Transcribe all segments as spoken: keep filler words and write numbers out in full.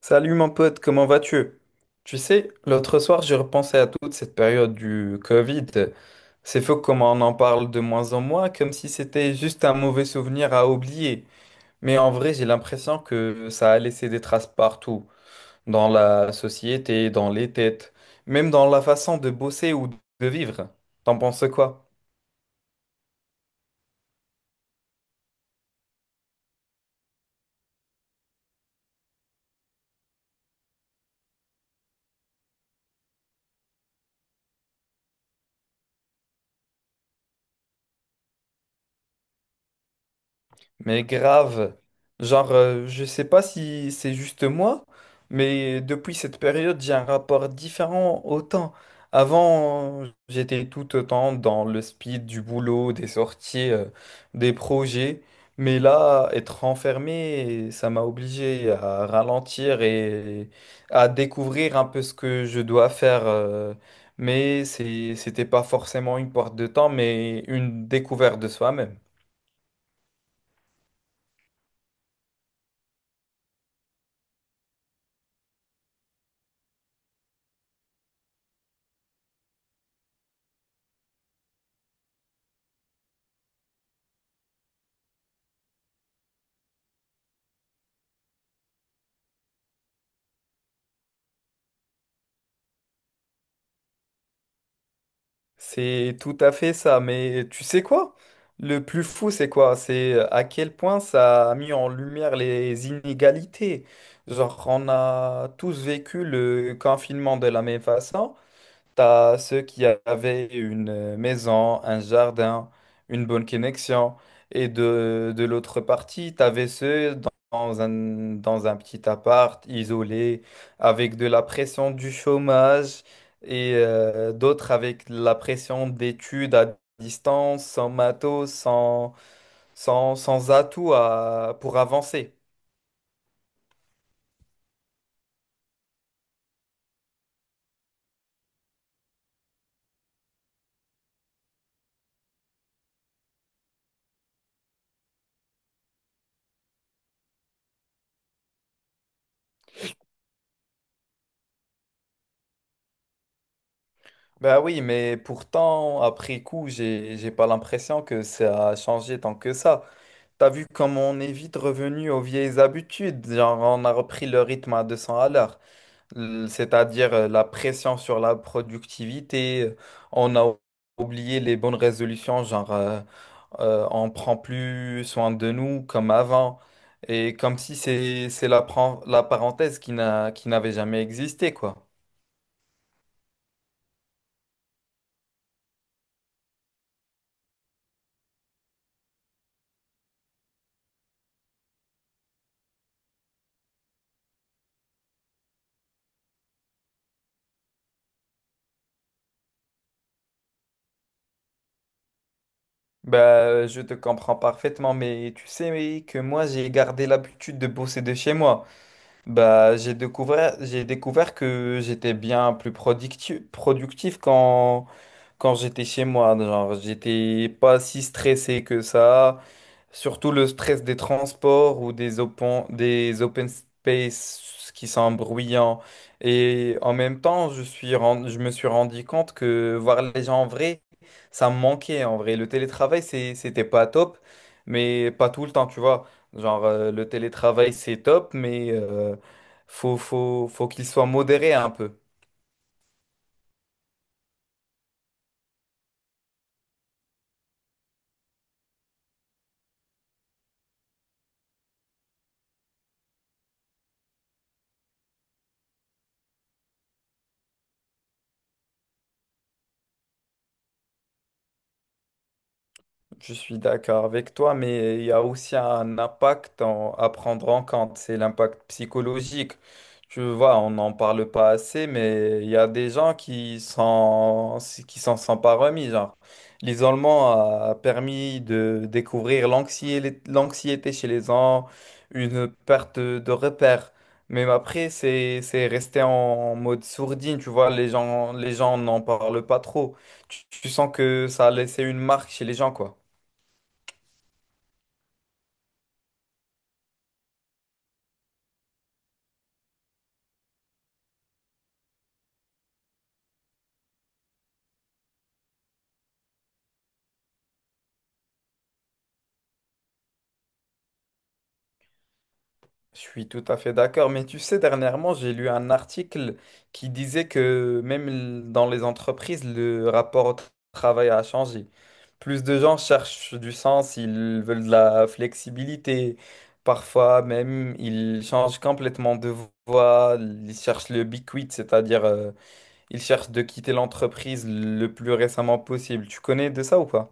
Salut mon pote, comment vas-tu? Tu sais, l'autre soir, j'ai repensé à toute cette période du Covid. C'est fou comment on en parle de moins en moins, comme si c'était juste un mauvais souvenir à oublier. Mais en vrai, j'ai l'impression que ça a laissé des traces partout, dans la société, dans les têtes, même dans la façon de bosser ou de vivre. T'en penses quoi? Mais grave, genre, euh, je sais pas si c'est juste moi, mais depuis cette période, j'ai un rapport différent au temps. Avant, j'étais tout autant dans le speed du boulot, des sorties, euh, des projets. Mais là, être enfermé, ça m'a obligé à ralentir et à découvrir un peu ce que je dois faire. euh, mais c'est- c'était pas forcément une porte de temps, mais une découverte de soi-même. C'est tout à fait ça, mais tu sais quoi? Le plus fou, c'est quoi? C'est euh, à quel point ça a mis en lumière les inégalités. Genre, on a tous vécu le confinement de la même façon. T'as ceux qui avaient une euh, maison, un jardin, une bonne connexion. Et de, de l'autre partie, t'avais ceux dans dans un, dans un petit appart, isolé, avec de la pression du chômage, et euh, d'autres avec la pression d'études à distance, sans matos, sans, sans, sans atout à- pour avancer. Ben oui, mais pourtant, après coup, j'ai, j'ai pas l'impression que ça a changé tant que ça. T'as vu comme on est vite revenu aux vieilles habitudes, genre on a repris le rythme à deux cents à l'heure, L- c'est-à-dire euh, la pression sur la productivité, euh, on a oublié les bonnes résolutions, genre euh, euh, on prend plus soin de nous comme avant, et comme si c'est c'est la, pren- la parenthèse qui n'a qui n'avait jamais existé, quoi. Bah, je te comprends parfaitement, mais tu sais que moi j'ai gardé l'habitude de bosser de chez moi. Bah, j'ai découvert, j'ai découvert que j'étais bien plus productif, productif quand, quand j'étais chez moi. Genre, j'étais pas si stressé que ça. Surtout le stress des transports ou des open, des open space qui sont bruyants. Et en même temps, je suis ren- je me suis rendu compte que voir les gens en vrai, ça me manquait en vrai. Le télétravail, c'est- c'était pas top, mais pas tout le temps, tu vois. Genre, euh, le télétravail, c'est top, mais euh, faut, faut, faut qu'il soit modéré un peu. Je suis d'accord avec toi, mais il y a aussi un impact en- à prendre en compte, c'est l'impact psychologique. Tu vois, on n'en parle pas assez, mais il y a des gens qui s'en, qui s'en sont pas remis, genre. L'isolement a permis de découvrir l'anxié- l'anxiété chez les gens, une perte de repères. Mais après, c'est, c'est resté en mode sourdine, tu vois, les gens, les gens n'en parlent pas trop. Tu, tu sens que ça a laissé une marque chez les gens, quoi. Je suis tout à fait d'accord, mais tu sais, dernièrement, j'ai lu un article qui disait que même l- dans les entreprises, le rapport au tra- travail a changé. Plus de gens cherchent du sens, ils veulent de la flexibilité. Parfois même, ils changent complètement de voie, ils cherchent le big quit, c'est-à-dire euh, ils cherchent de quitter l'entreprise le plus récemment possible. Tu connais de ça ou pas?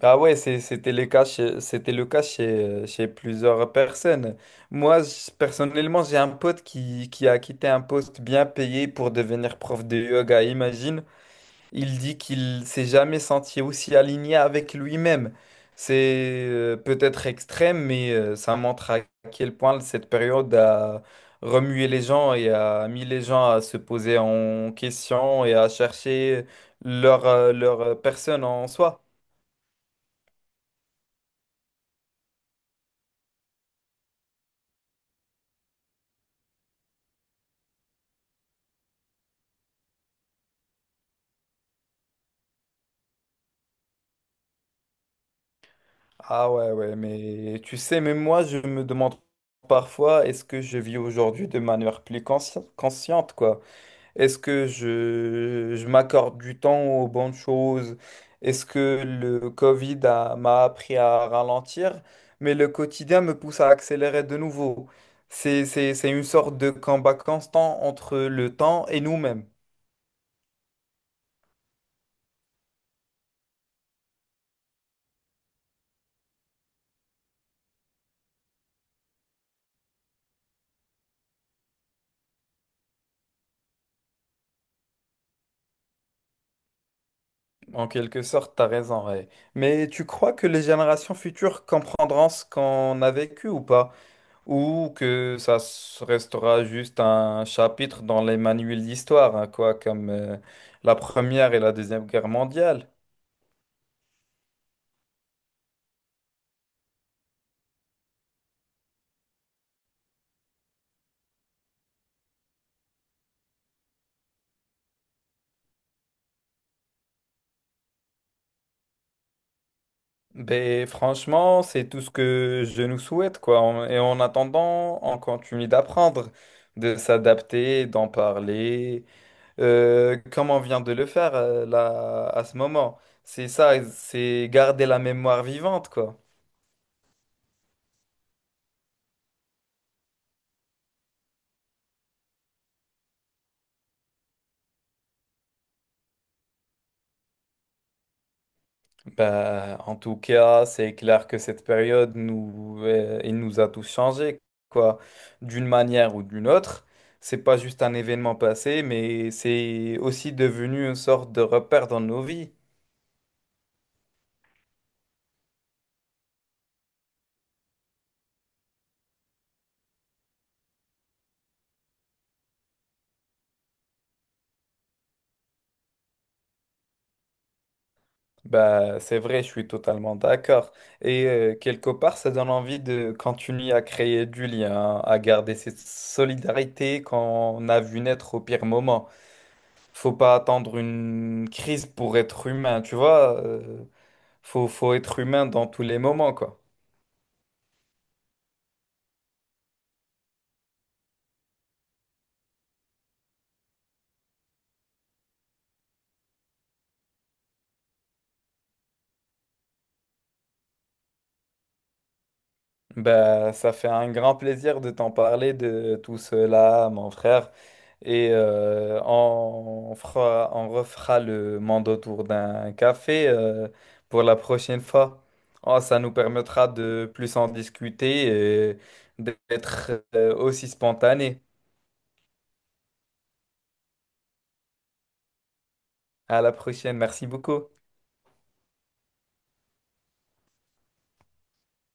Ah ouais, c'est- c'était le cas chez, c'était le cas chez, chez plusieurs personnes. Moi, je- personnellement, j'ai un pote qui, qui a quitté un poste bien payé pour devenir prof de yoga, imagine. Il dit qu'il s'est jamais senti aussi aligné avec lui-même. C'est euh, peut-être extrême, mais euh, ça montre à quel point cette période a remué les gens et a mis les gens à se poser en question et à chercher leur, euh, leur personne en soi. Ah ouais, ouais, mais tu sais, même moi, je me demande parfois, est-ce que je vis aujourd'hui de manière plus consci- consciente, quoi? Est-ce que je, je m'accorde du temps aux bonnes choses? Est-ce que le Covid a- m'a appris à ralentir? Mais le quotidien me pousse à accélérer de nouveau. C'est, c'est, c'est une sorte de combat constant entre le temps et nous-mêmes. En quelque sorte, t'as raison, ouais. Mais tu crois que les générations futures comprendront ce qu'on a vécu ou pas? Ou que ça s- restera juste un chapitre dans les manuels d'histoire, hein, quoi, comme euh, la Première et la Deuxième Guerre mondiale. Ben franchement, c'est tout ce que je nous souhaite, quoi. En- Et en attendant, on continue d'apprendre, de s'adapter, d'en parler, euh, comme on vient de le faire euh, là à ce moment. C'est ça, c'est garder la mémoire vivante, quoi. Bah, en tout cas, c'est clair que cette période nous, euh, elle nous a tous changés, quoi, d'une manière ou d'une autre. C'est pas juste un événement passé, mais c'est aussi devenu une sorte de repère dans nos vies. Bah, c'est vrai, je suis totalement d'accord. Et euh, quelque part, ça donne envie de continuer à créer du lien, à garder cette solidarité qu'on a vu naître au pire moment. Faut pas attendre une crise pour être humain, tu vois. euh, Faut, faut être humain dans tous les moments, quoi. Bah, ça fait un grand plaisir de t'en parler de tout cela, mon frère. Et euh, on fera, on refera le monde autour d'un café euh, pour la prochaine fois. Oh, ça nous permettra de plus en discuter et d'être euh, aussi spontané. À la prochaine. Merci beaucoup.